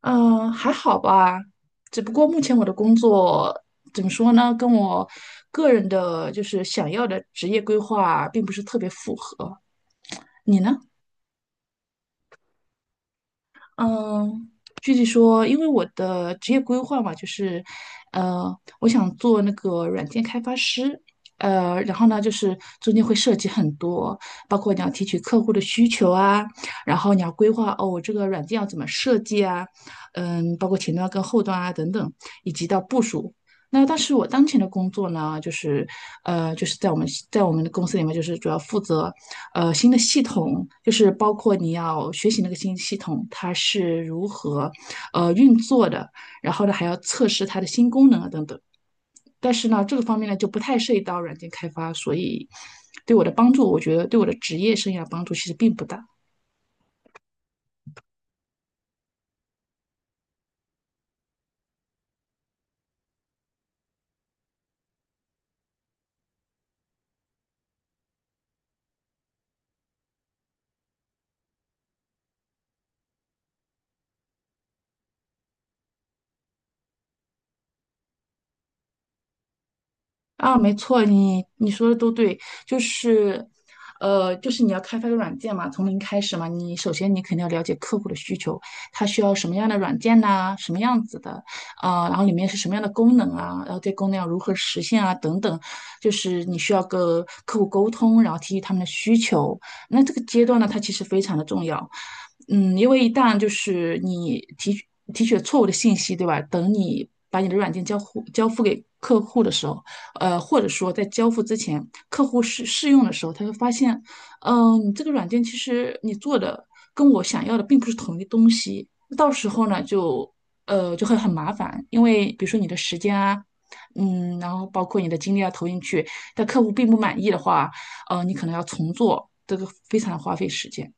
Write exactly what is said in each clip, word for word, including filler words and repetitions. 嗯，还好吧，只不过目前我的工作怎么说呢，跟我个人的就是想要的职业规划并不是特别符合。你呢？嗯，具体说，因为我的职业规划嘛，就是，呃，我想做那个软件开发师，呃，然后呢，就是中间会涉及很多，包括你要提取客户的需求啊，然后你要规划哦，我这个软件要怎么设计啊，嗯，包括前端跟后端啊等等，以及到部署。那但是我当前的工作呢，就是呃，就是在我们在我们的公司里面，就是主要负责呃新的系统，就是包括你要学习那个新系统，它是如何呃运作的，然后呢还要测试它的新功能啊等等。但是呢，这个方面呢就不太涉及到软件开发，所以对我的帮助，我觉得对我的职业生涯帮助其实并不大。啊，没错，你你说的都对，就是，呃，就是你要开发个软件嘛，从零开始嘛，你首先你肯定要了解客户的需求，他需要什么样的软件呐、什么样子的，啊、然后里面是什么样的功能啊，然后这功能要如何实现啊，等等，就是你需要跟客户沟通，然后提取他们的需求，那这个阶段呢，它其实非常的重要，嗯，因为一旦就是你提取提取了错误的信息，对吧？等你把你的软件交互交付给客户的时候。呃，或者说在交付之前，客户试试用的时候，他会发现，嗯、呃你这个软件其实你做的跟我想要的并不是同一东西，到时候呢就呃就会很麻烦，因为比如说你的时间啊。嗯，然后包括你的精力要投进去，但客户并不满意的话，呃，你可能要重做，这个非常花费时间。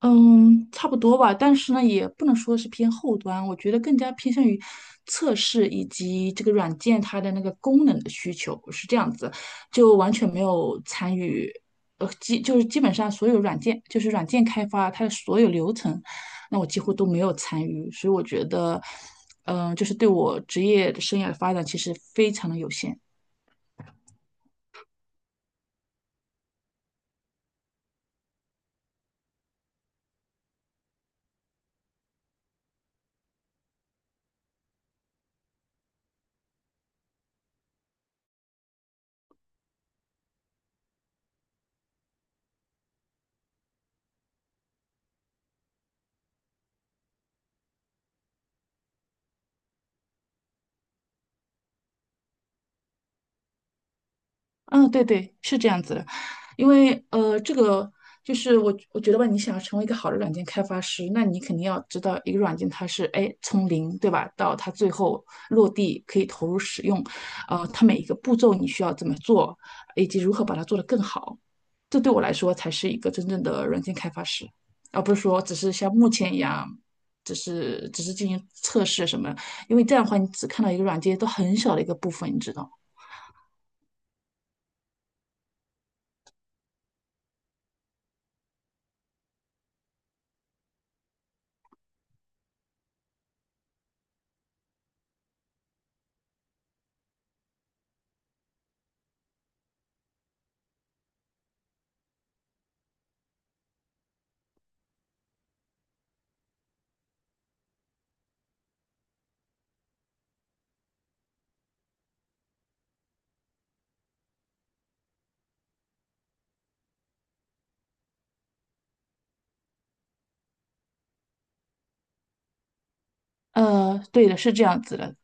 嗯，差不多吧，但是呢，也不能说是偏后端，我觉得更加偏向于测试以及这个软件它的那个功能的需求是这样子，就完全没有参与，呃，基就是基本上所有软件，就是软件开发它的所有流程，那我几乎都没有参与，所以我觉得，嗯、就是对我职业生涯的发展其实非常的有限。嗯，对对，是这样子的，因为呃，这个就是我我觉得吧，你想要成为一个好的软件开发师，那你肯定要知道一个软件它是哎从零对吧，到它最后落地可以投入使用，呃，它每一个步骤你需要怎么做，以及如何把它做得更好，这对我来说才是一个真正的软件开发师，而不是说只是像目前一样，只是只是进行测试什么，因为这样的话你只看到一个软件都很小的一个部分，你知道吗呃，对的，是这样子的。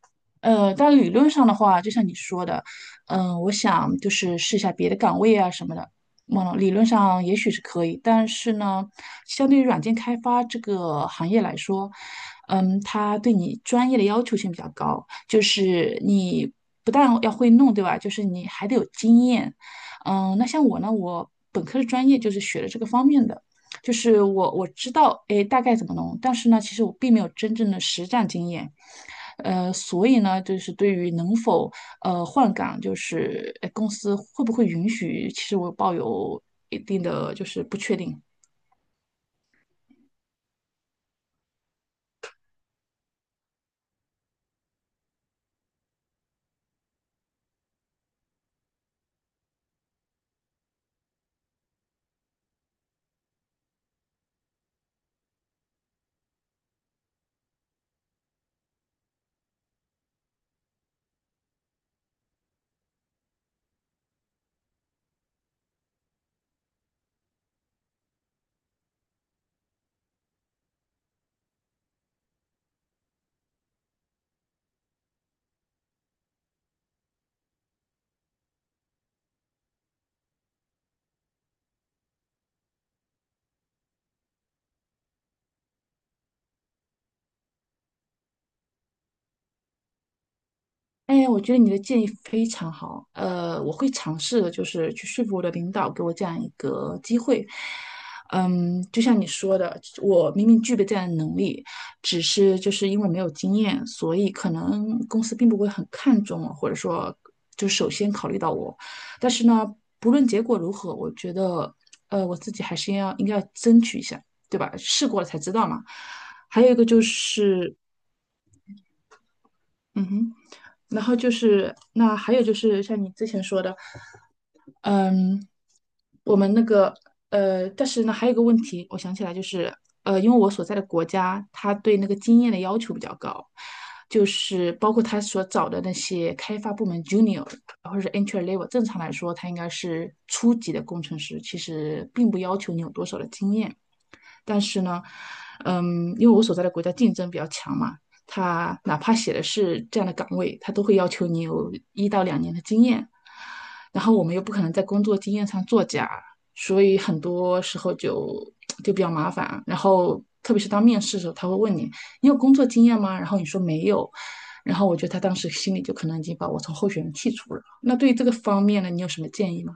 呃，但理论上的话，就像你说的，嗯、我想就是试一下别的岗位啊什么的。嗯，理论上也许是可以，但是呢，相对于软件开发这个行业来说，嗯，它对你专业的要求性比较高，就是你不但要会弄，对吧？就是你还得有经验。嗯，那像我呢，我本科的专业就是学的这个方面的。就是我我知道，哎，大概怎么弄，但是呢，其实我并没有真正的实战经验，呃，所以呢，就是对于能否呃换岗，就是哎，公司会不会允许，其实我抱有一定的就是不确定。哎，我觉得你的建议非常好，呃，我会尝试的，就是去说服我的领导给我这样一个机会。嗯，就像你说的，我明明具备这样的能力，只是就是因为没有经验，所以可能公司并不会很看重我，或者说就首先考虑到我。但是呢，不论结果如何，我觉得，呃，我自己还是要应该要争取一下，对吧？试过了才知道嘛。还有一个就是。嗯哼，然后就是那还有就是像你之前说的，嗯，我们那个呃，但是呢还有一个问题，我想起来就是呃，因为我所在的国家，它对那个经验的要求比较高，就是包括他所找的那些开发部门 junior 或者是 entry level，正常来说它应该是初级的工程师，其实并不要求你有多少的经验。但是呢，嗯，因为我所在的国家竞争比较强嘛，他哪怕写的是这样的岗位，他都会要求你有一到两年的经验。然后我们又不可能在工作经验上作假，所以很多时候就就比较麻烦。然后特别是当面试的时候，他会问你你有工作经验吗？然后你说没有，然后我觉得他当时心里就可能已经把我从候选人剔除了。那对于这个方面呢，你有什么建议吗？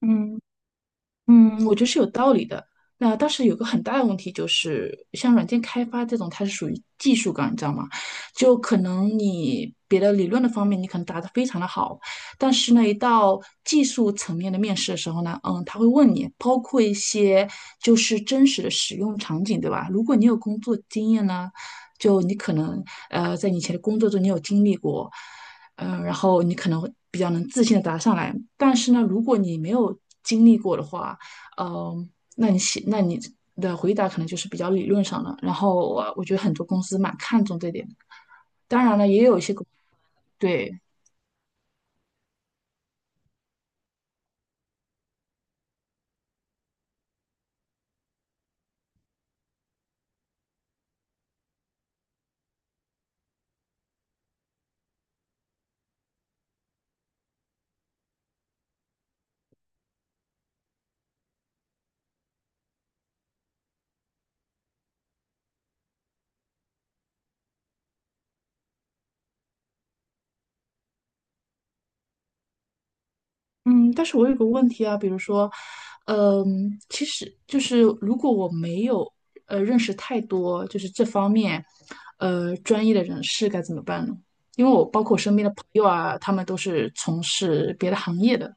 嗯。嗯，我觉得是有道理的。那当时有个很大的问题就是，像软件开发这种，它是属于技术岗，你知道吗？就可能你别的理论的方面，你可能答得非常的好，但是呢，一到技术层面的面试的时候呢，嗯，他会问你，包括一些就是真实的使用场景，对吧？如果你有工作经验呢，就你可能呃，在你以前的工作中你有经历过，嗯，呃然后你可能会比较能自信的答上来。但是呢，如果你没有经历过的话，嗯，那你写，那你的回答可能就是比较理论上的。然后我我觉得很多公司蛮看重这点的。当然了，也有对，嗯，但是我有个问题啊，比如说，嗯，其实就是如果我没有呃认识太多就是这方面呃专业的人士该怎么办呢？因为我包括我身边的朋友啊，他们都是从事别的行业的。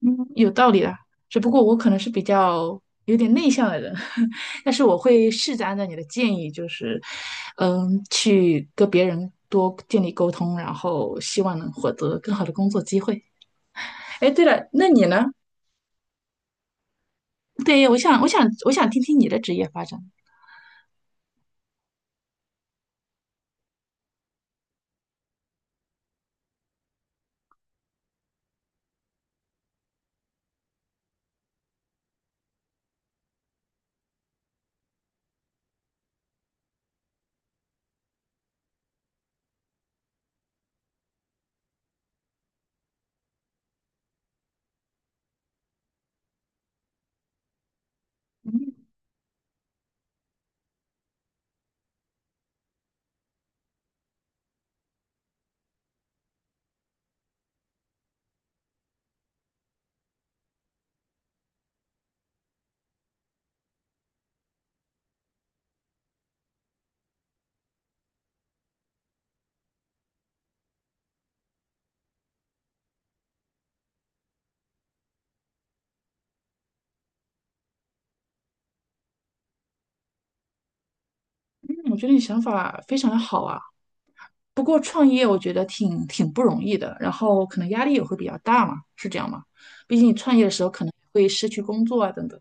嗯，有道理啦，只不过我可能是比较有点内向的人，但是我会试着按照你的建议，就是，嗯，去跟别人多建立沟通，然后希望能获得更好的工作机会。哎，对了，那你呢？对，我想，我想，我想听听你的职业发展。嗯，我觉得你想法非常的好啊。不过创业我觉得挺挺不容易的，然后可能压力也会比较大嘛，是这样吗？毕竟你创业的时候可能会失去工作啊等等。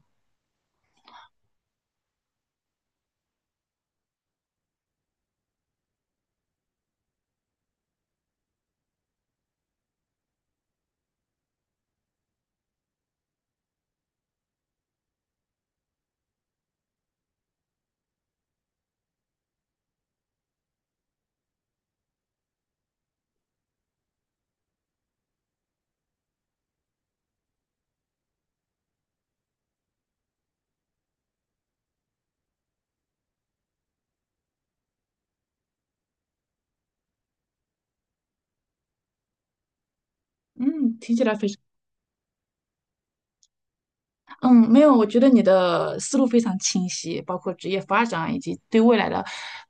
嗯，听起来非常。嗯，没有，我觉得你的思路非常清晰，包括职业发展以及对未来的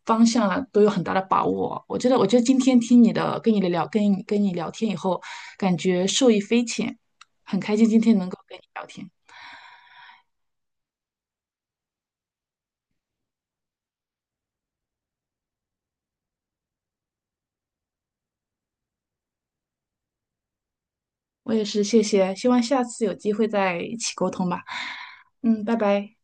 方向啊，都有很大的把握。我觉得，我觉得今天听你的，跟你的聊，跟你跟你聊天以后，感觉受益匪浅，很开心今天能够跟你聊天。我也是，谢谢，希望下次有机会再一起沟通吧。嗯，拜拜。